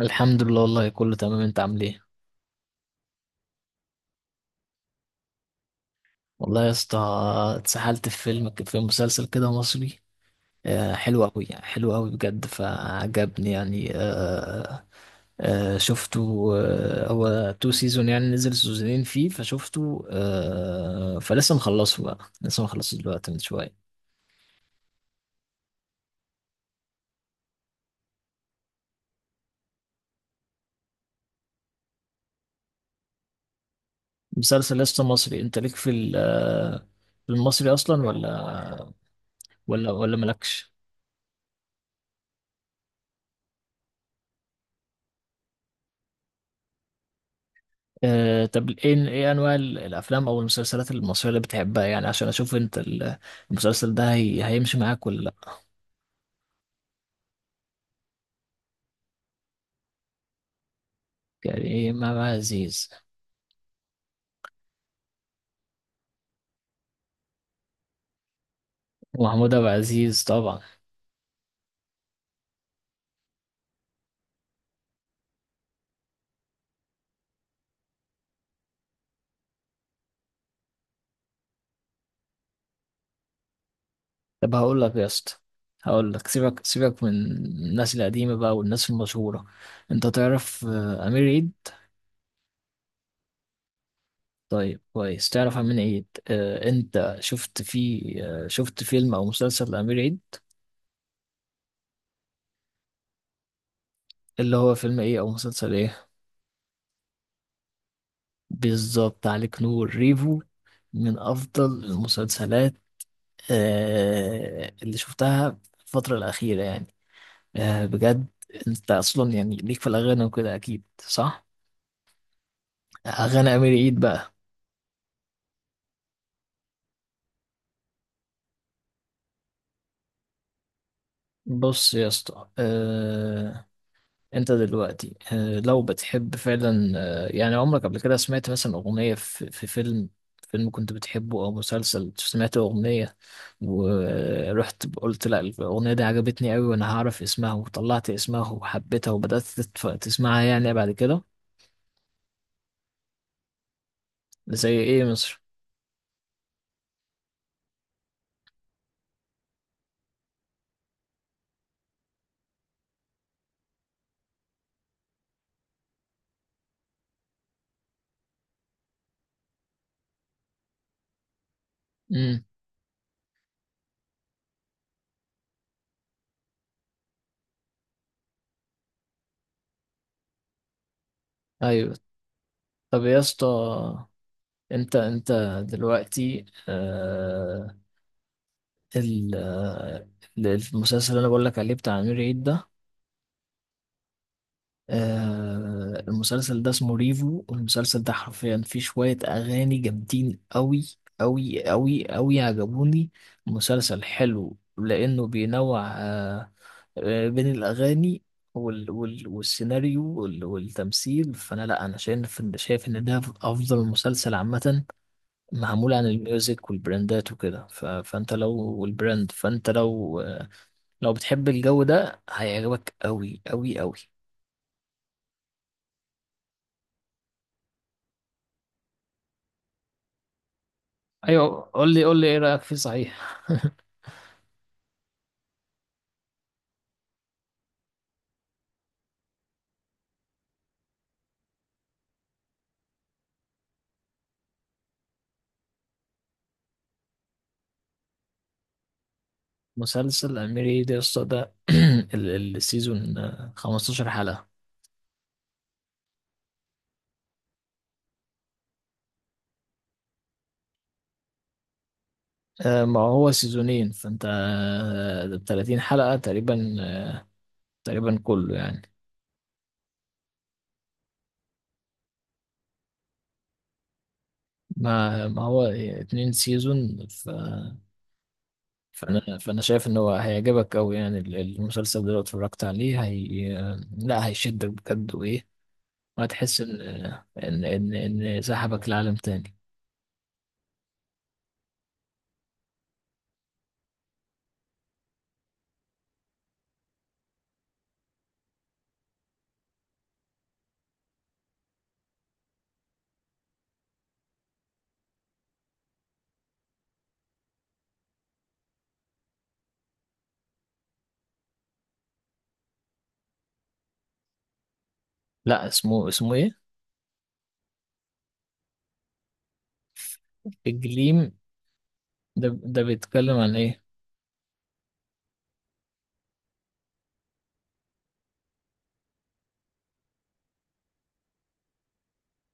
الحمد لله، والله كله تمام. انت عامل ايه؟ والله يا اسطى، اتسحلت في فيلم، في مسلسل كده مصري. حلو قوي، يعني حلو قوي بجد فعجبني يعني. شفته. هو تو سيزون، يعني نزل سيزونين فيه فشفته، فلسه مخلصه بقى، لسه مخلصه دلوقتي من شويه. مسلسل لسه مصري، انت ليك في في المصري اصلا، ولا ولا مالكش؟ طب ايه انواع الافلام او المسلسلات المصريه اللي بتحبها يعني، عشان اشوف انت المسلسل ده، هي هيمشي معاك ولا لا؟ يعني ايه امام عزيز ومحمود عبد العزيز طبعا؟ طب هقول لك يا اسطى، هقول لك، سيبك سيبك من الناس القديمه بقى والناس المشهوره. انت تعرف امير عيد؟ طيب كويس، تعرف امير عيد. انت شفت فيه شفت فيلم او مسلسل لامير عيد؟ اللي هو فيلم ايه او مسلسل ايه؟ بالظبط، عليك نور. ريفو من أفضل المسلسلات اللي شفتها في الفترة الأخيرة يعني. بجد، أنت أصلا يعني ليك في الأغاني وكده، أكيد صح؟ أغاني أمير عيد بقى. بص يا اسطى، انت دلوقتي، لو بتحب فعلا، يعني عمرك قبل كده سمعت مثلا اغنية في فيلم، فيلم كنت بتحبه او مسلسل، سمعت اغنية ورحت قلت لا، الاغنية دي عجبتني قوي وانا هعرف اسمها، وطلعت اسمها وحبيتها وبدأت تسمعها يعني بعد كده. زي ايه مصر؟ امم. ايوه. طب يا اسطى، انت دلوقتي، ال- آه، المسلسل اللي انا بقول لك عليه بتاع امير عيد ده، المسلسل ده اسمه ريفو، والمسلسل ده حرفيا فيه شوية أغاني جامدين أوي، أوي أوي أوي، عجبوني. مسلسل حلو لأنه بينوع، بين الأغاني والسيناريو والتمثيل. فأنا، لأ، أنا شايف إن، ده أفضل مسلسل عامة، معمول عن الميوزك والبراندات وكده. فأنت لو والبراند، فأنت لو لو بتحب الجو ده هيعجبك أوي أوي أوي. ايوه، قول لي قول لي، ايه رايك فيه صحيح؟ مسلسل اميري دي اسطى ده. السيزون 15 حلقه. ما هو سيزونين، فانت ده ب 30 حلقه تقريبا، تقريبا كله يعني. ما هو اتنين سيزون، فانا شايف ان هو هيعجبك قوي، يعني المسلسل ده لو اتفرجت عليه، هي، لا، هيشدك بجد وايه، وهتحس ان سحبك لعالم تاني. لا، اسمه ايه؟ الجليم؟ ده بيتكلم عن ايه؟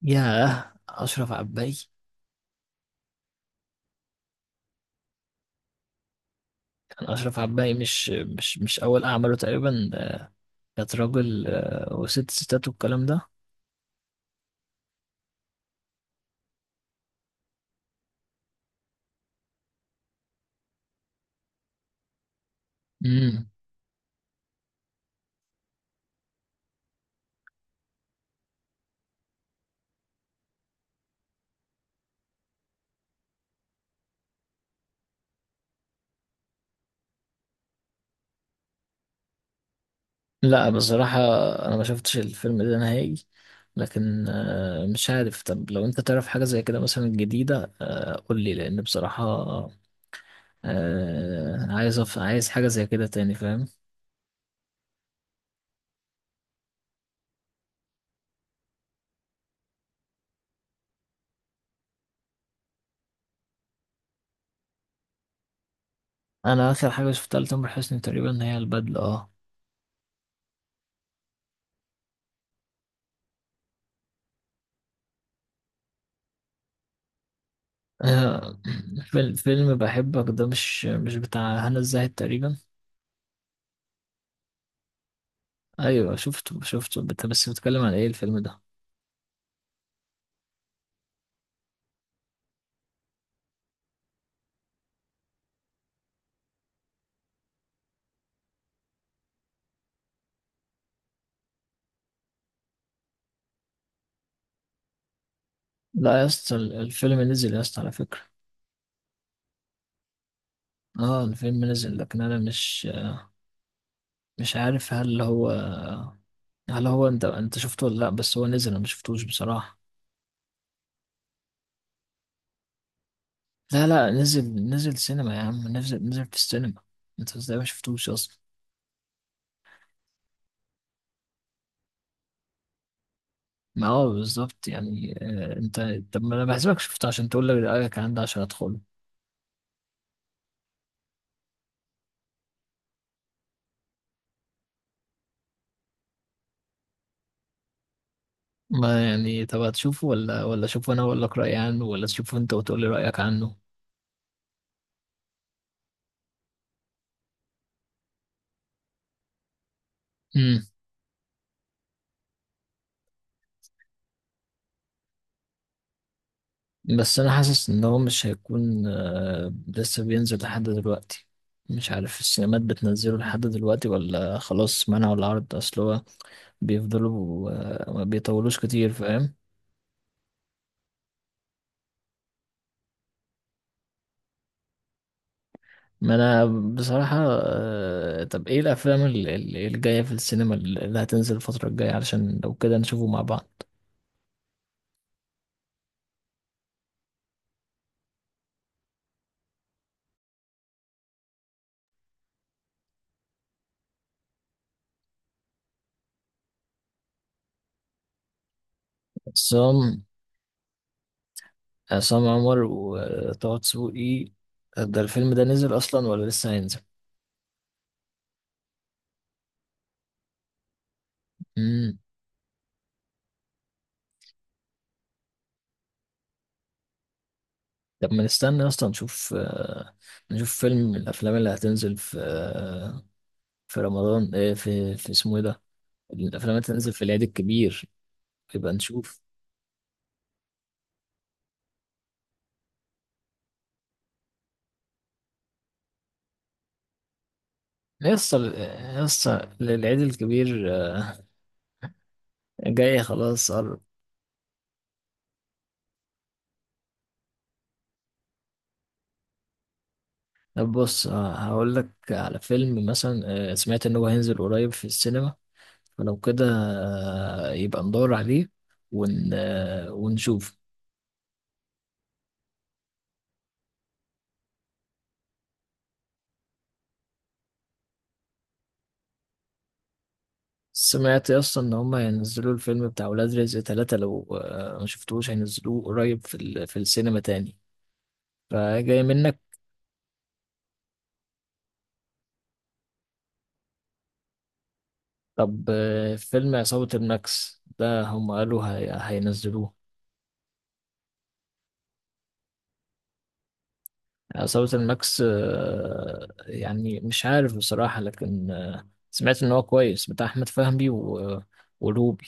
ياه، اشرف عباي؟ كان اشرف عباي مش اول اعماله تقريبا ده. كانت راجل وست ستات والكلام ده. امم. لا بصراحه، انا ما شفتش الفيلم ده نهائي، لكن مش عارف. طب لو انت تعرف حاجه زي كده مثلا جديده، قول لي، لان بصراحه عايز عايز حاجه زي كده تاني، فاهم؟ انا اخر حاجه شفتها لتامر حسني تقريبا هي البدله، اه. آه، فيلم بحبك ده مش بتاع هنا الزاهد تقريبا؟ ايوه، شفته. بس بتكلم عن ايه الفيلم ده؟ لا يا اسطى، الفيلم نزل يا اسطى على فكرة. اه الفيلم نزل، لكن انا مش عارف، هل هو، انت شفته ولا لا، بس هو نزل، انا ما شفتوش بصراحة. لا لا، نزل نزل سينما يا عم، نزل نزل في السينما. انت ازاي ما شفتوش اصلا؟ ما هو بالظبط يعني، انت، طب ما انا بحسبك شفته عشان تقول لي رأيك عن ده عشان ادخله. ما يعني، طب هتشوفه ولا اشوفه انا واقول لك رايي عنه، ولا تشوفه انت وتقول لي رايك عنه؟ امم. بس انا حاسس ان هو مش هيكون لسه بينزل لحد دلوقتي. مش عارف السينمات بتنزله لحد دلوقتي ولا خلاص منعوا العرض، اصل هو بيفضلوا ما بيطولوش كتير، فاهم؟ ما انا بصراحة، طب ايه الافلام الجاية في السينما اللي هتنزل الفترة الجاية، علشان لو كده نشوفه مع بعض. بس عصام عمر وطه دسوقي، ده الفيلم ده نزل اصلا ولا لسه هينزل؟ امم. طب ما نستنى اصلا، نشوف فيلم من الافلام اللي هتنزل في في رمضان، ايه في اسمه ايه ده، الافلام اللي هتنزل في العيد الكبير، يبقى نشوف. يسطا، يسطا، العيد الكبير جاي، خلاص قرب. طب بص، هقول لك على فيلم مثلا، سمعت ان هو هينزل قريب في السينما، فلو كده يبقى ندور عليه ون... آه، ونشوف. سمعت اصلا ان هم هينزلوا الفيلم بتاع ولاد رزق ثلاثة، لو ما شفتوش هينزلوه قريب في السينما تاني، فجاي منك. طب فيلم عصابة الماكس ده هم قالوا هينزلوه. عصابة الماكس، يعني مش عارف بصراحة، لكن سمعت ان هو كويس، بتاع احمد فهمي ولوب.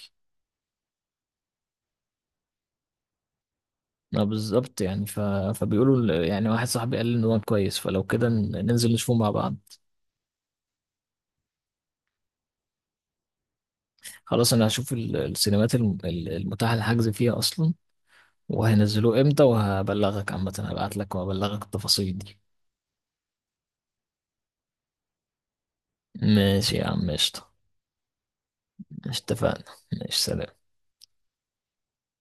ما بالظبط يعني، فبيقولوا يعني واحد صاحبي قال لي ان هو كويس، فلو كده ننزل نشوفه مع بعض. خلاص، انا هشوف السينمات المتاحة الحجز فيها اصلا، وهينزلوه امتى، وهبلغك عامة. هبعت لك وهبلغك التفاصيل دي. ماشي يا عم، قشطة. ماشي، اتفقنا. ماشي، سلام.